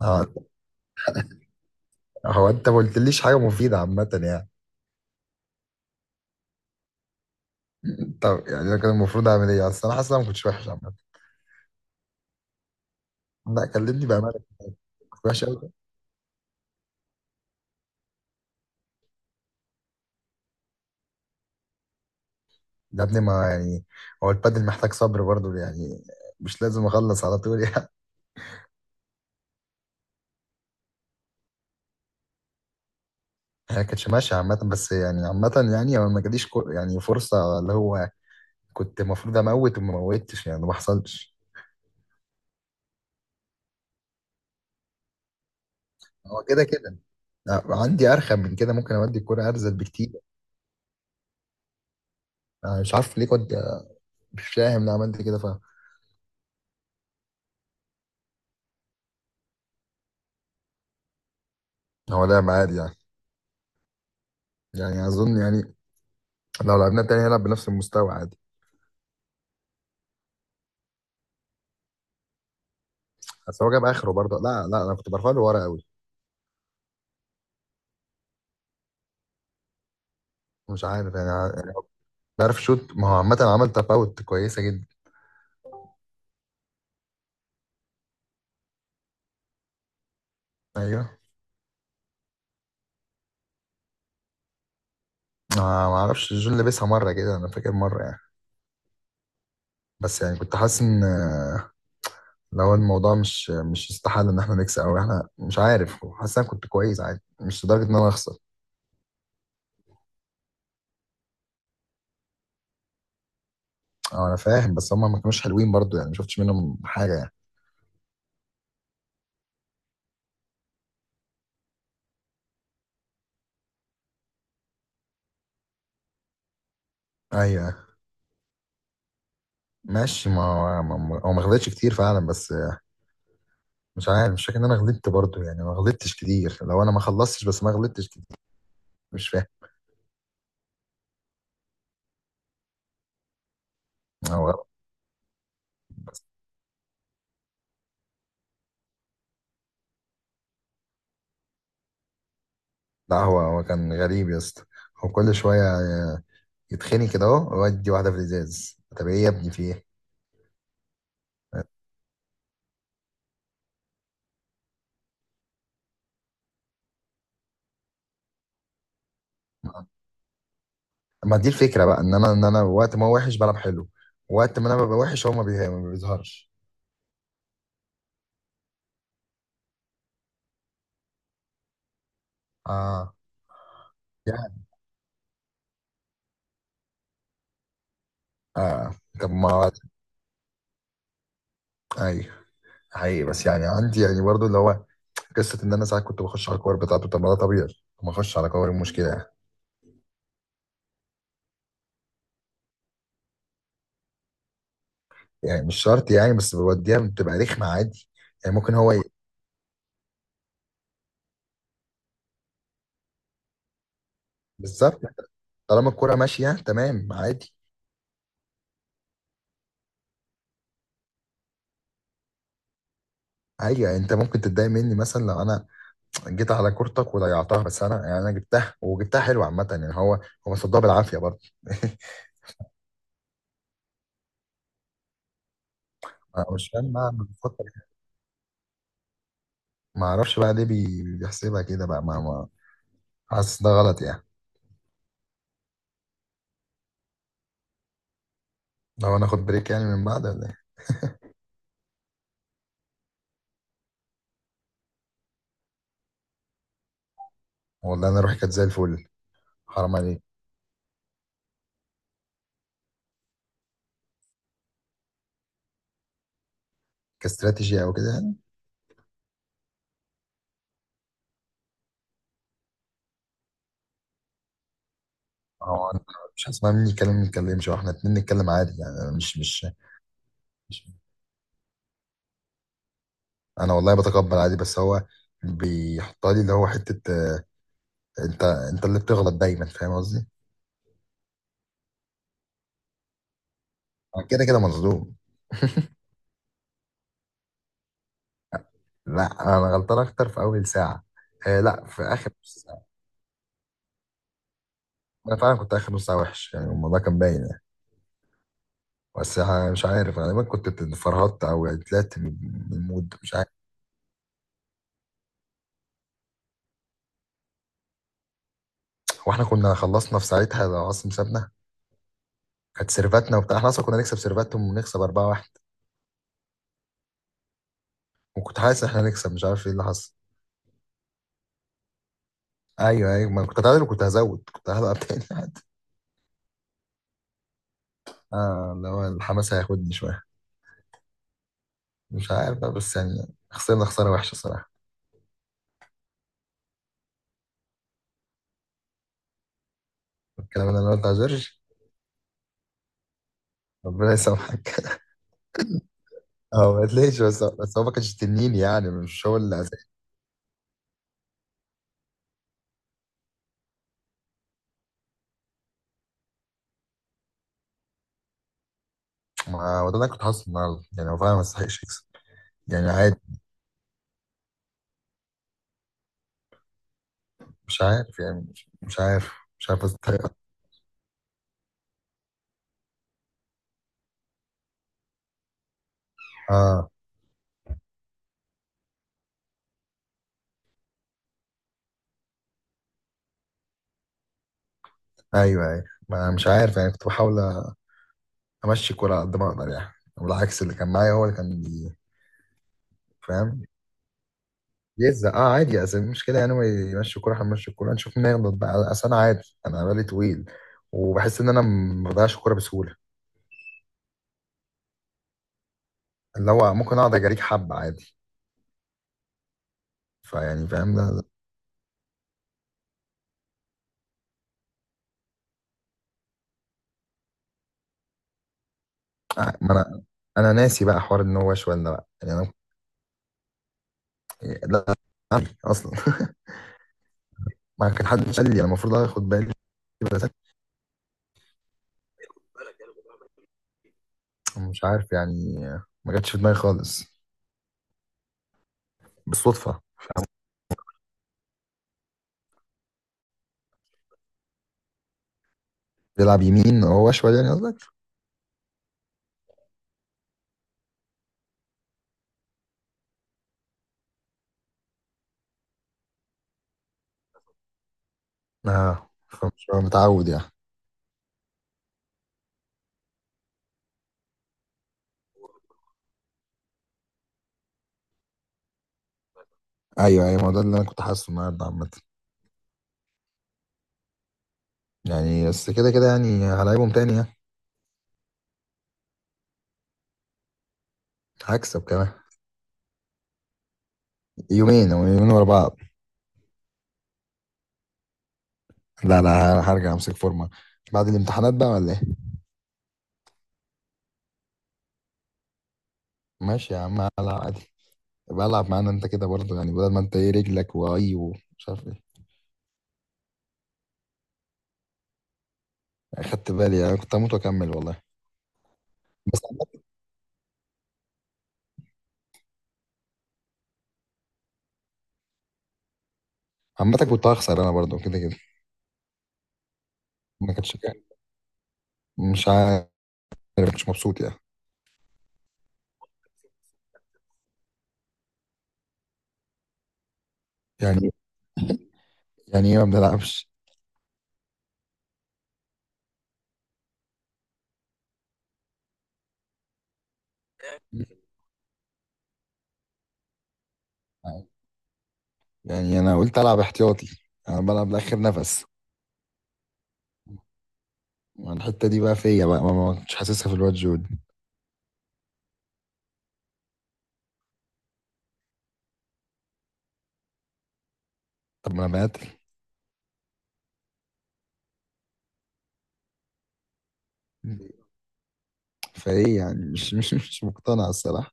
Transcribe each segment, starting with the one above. اه، هو انت ما قلتليش حاجه مفيده عامه يعني؟ طب يعني انا كان المفروض اعمل ايه؟ اصل انا حاسس إن انا ما كنتش وحش عامه. لا، كلمني بامانه. كنت وحش قوي. يا ابني ما يعني، هو البادل محتاج صبر برضه يعني، مش لازم اخلص على طول يعني. هي ما كانتش ماشيه عامه، بس يعني عامه يعني هو ما جاليش فرصه اللي هو، كنت المفروض اموت وما موتش يعني، ما حصلش. هو كده كده. لا، عندي ارخم من كده، ممكن اودي الكوره ارزل بكتير. انا مش عارف ليه كنت، مش فاهم ليه عملت كده، فاهم؟ هو لا عادي يعني. يعني اظن يعني لو لعبنا تاني هنلعب بنفس المستوى عادي. بس هو جاب اخره برضه. لا لا، انا كنت برفع له ورا قوي. مش عارف يعني عارف شوت، ما هو عامة عمل تفاوت كويسة جدا. ايوه. ما اعرفش، جون لبسها مرة كده، انا فاكر مرة يعني. بس يعني كنت حاسس ان آه، لو الموضوع مش يستحل ان احنا نكسب او احنا مش عارف. حاسس إن انا كنت كويس عادي، مش لدرجة ان انا اخسر. اه انا فاهم، بس هم ما كانوش حلوين برضه يعني، ما شفتش منهم حاجة يعني. ايوه. ماشي، ما هو هو ما خدتش كتير فعلا، بس مش عارف، مش فاكر ان انا غلطت برضو يعني، ما غلطتش كتير، لو انا ما خلصتش بس ما غلطتش كتير. مش فاهم. هو لا، هو كان غريب يا اسطى، هو كل شويه يتخني كده اهو، ويدي واحده في الازاز. طب ايه يا ابني؟ في ايه؟ ما دي الفكره بقى، ان انا وقت ما هو وحش بلعب حلو، وقت ما انا ببقى وحش هو ما بيظهرش. اه. يعني. اه. طب ما، ايوه، حقيقي، بس يعني عندي يعني برضو اللي هو قصه ان انا ساعات كنت بخش على الكور بتاعته، طب ما ده طبيعي، ما اخش على كور، إيه المشكله يعني؟ يعني مش شرط يعني، بس بوديها بتبقى رخمة عادي. يعني ممكن بالظبط، طالما الكرة ماشية تمام عادي. عادي يعني انت ممكن تتضايق مني مثلا لو انا جيت على كورتك وضيعتها، بس انا يعني انا جبتها وجبتها حلوة عامة يعني، هو هو صدها بالعافية برضه. انا مش فاهم بقى بفكر إيه. ما اعرفش بقى ليه بيحسبها كده بقى. ما حاسس ده غلط يعني. لو انا اخد بريك يعني من بعد ولا ايه؟ والله انا روحي كانت زي الفل. حرام عليك. كاستراتيجي او كده يعني. هو أنا مش هسمع مني كلام؟ ما نتكلمش، واحنا اتنين نتكلم عادي يعني، أنا مش. انا والله بتقبل عادي، بس هو بيحطها لي اللي هو حته آه، انت انت اللي بتغلط دايما، فاهم قصدي؟ أنا كده كده مظلوم. لا، انا غلطان اكتر في اول ساعه. آه لا، في اخر نص ساعه. انا فعلا كنت اخر نص ساعه وحش يعني، الموضوع كان باين يعني. بس مش عارف، انا دايما كنت فرهطت او يعني طلعت من المود، مش عارف. واحنا كنا خلصنا في ساعتها لو عاصم سابنا، كانت سيرفاتنا وبتاع، احنا اصلا كنا نكسب سيرفاتهم ونكسب 4 1، وكنت حاسس ان احنا نكسب، مش عارف ايه اللي حصل. ايوه ايوه، ما أنا كنت هتعادل وكنت هزود، كنت هلعب تاني. اه، اللي هو الحماس هياخدني شوية. مش عارف بقى، بس يعني خسرنا خسارة وحشة صراحة. الكلام اللي انا قلته على جورج؟ ربنا يسامحك. هو ما تلاقيش، بس هو ما كانش تنين يعني، مش هو اللي عزيز. ما هو ده اللي انا كنت حاسه النهارده يعني، هو فعلا ما يستحقش يكسب. يعني عادي. مش عارف يعني، مش عارف. مش عارف أستحق. اه. ايوه ايوه، ما انا مش عارف يعني، كنت بحاول امشي الكوره على قد ما اقدر يعني، والعكس اللي كان معايا هو اللي كان فاهم. يزا اه عادي، اصل المشكله يعني هو يمشي الكوره هنمشي الكوره، نشوف مين هيغلط بقى، اصل انا عادي انا بالي طويل، وبحس ان انا ما بضيعش الكوره بسهوله، اللي هو ممكن اقعد اجريك حبه عادي. فيعني فاهم. لا لا. آه، ما انا، انا ناسي بقى حوار ان هو شويه بقى يعني انا. لا عادي اصلا. ما كان حد قال لي انا المفروض اخد بالي. بس مش عارف يعني، ما جاتش في دماغي خالص. بالصدفه؟ بيلعب يمين هو شويه يعني قصدك؟ اه، فمش متعود يعني. ايوه ايوه، ما هو ده اللي انا كنت حاسه النهارده عامه. يعني بس كده كده يعني، هلاعبهم تاني يعني. هكسب كمان. يومين او يومين ورا بعض. لا لا، هرجع امسك فورمه. بعد الامتحانات بقى ولا ايه؟ ماشي يا عم، هلعب عادي. يبقى العب معانا انت كده برضه يعني، بدل ما انت ايه رجلك واي ومش عارف ايه. اخدت بالي يعني، كنت هموت واكمل والله. بس عامة. عامة كنت هخسر انا برضه كده كده. ما كانتش. مش عارف. مش مبسوط يعني. يعني يعني ايه ما بنلعبش؟ يعني انا قلت العب احتياطي، انا بلعب لاخر نفس. الحته دي بقى فيا بقى، ما كنتش حاسسها في الواد جود. طب ما انا مقاتل. فايه يعني؟ مش مقتنع الصراحه.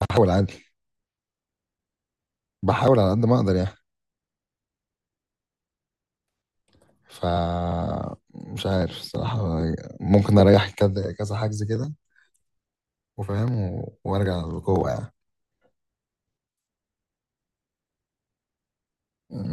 بحاول عادي. بحاول على قد ما اقدر يعني. ف، مش عارف الصراحه، ممكن اريح كذا كذا حجز كده، وفاهم وارجع للقوه يعني.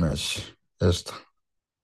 ماشي قشطه.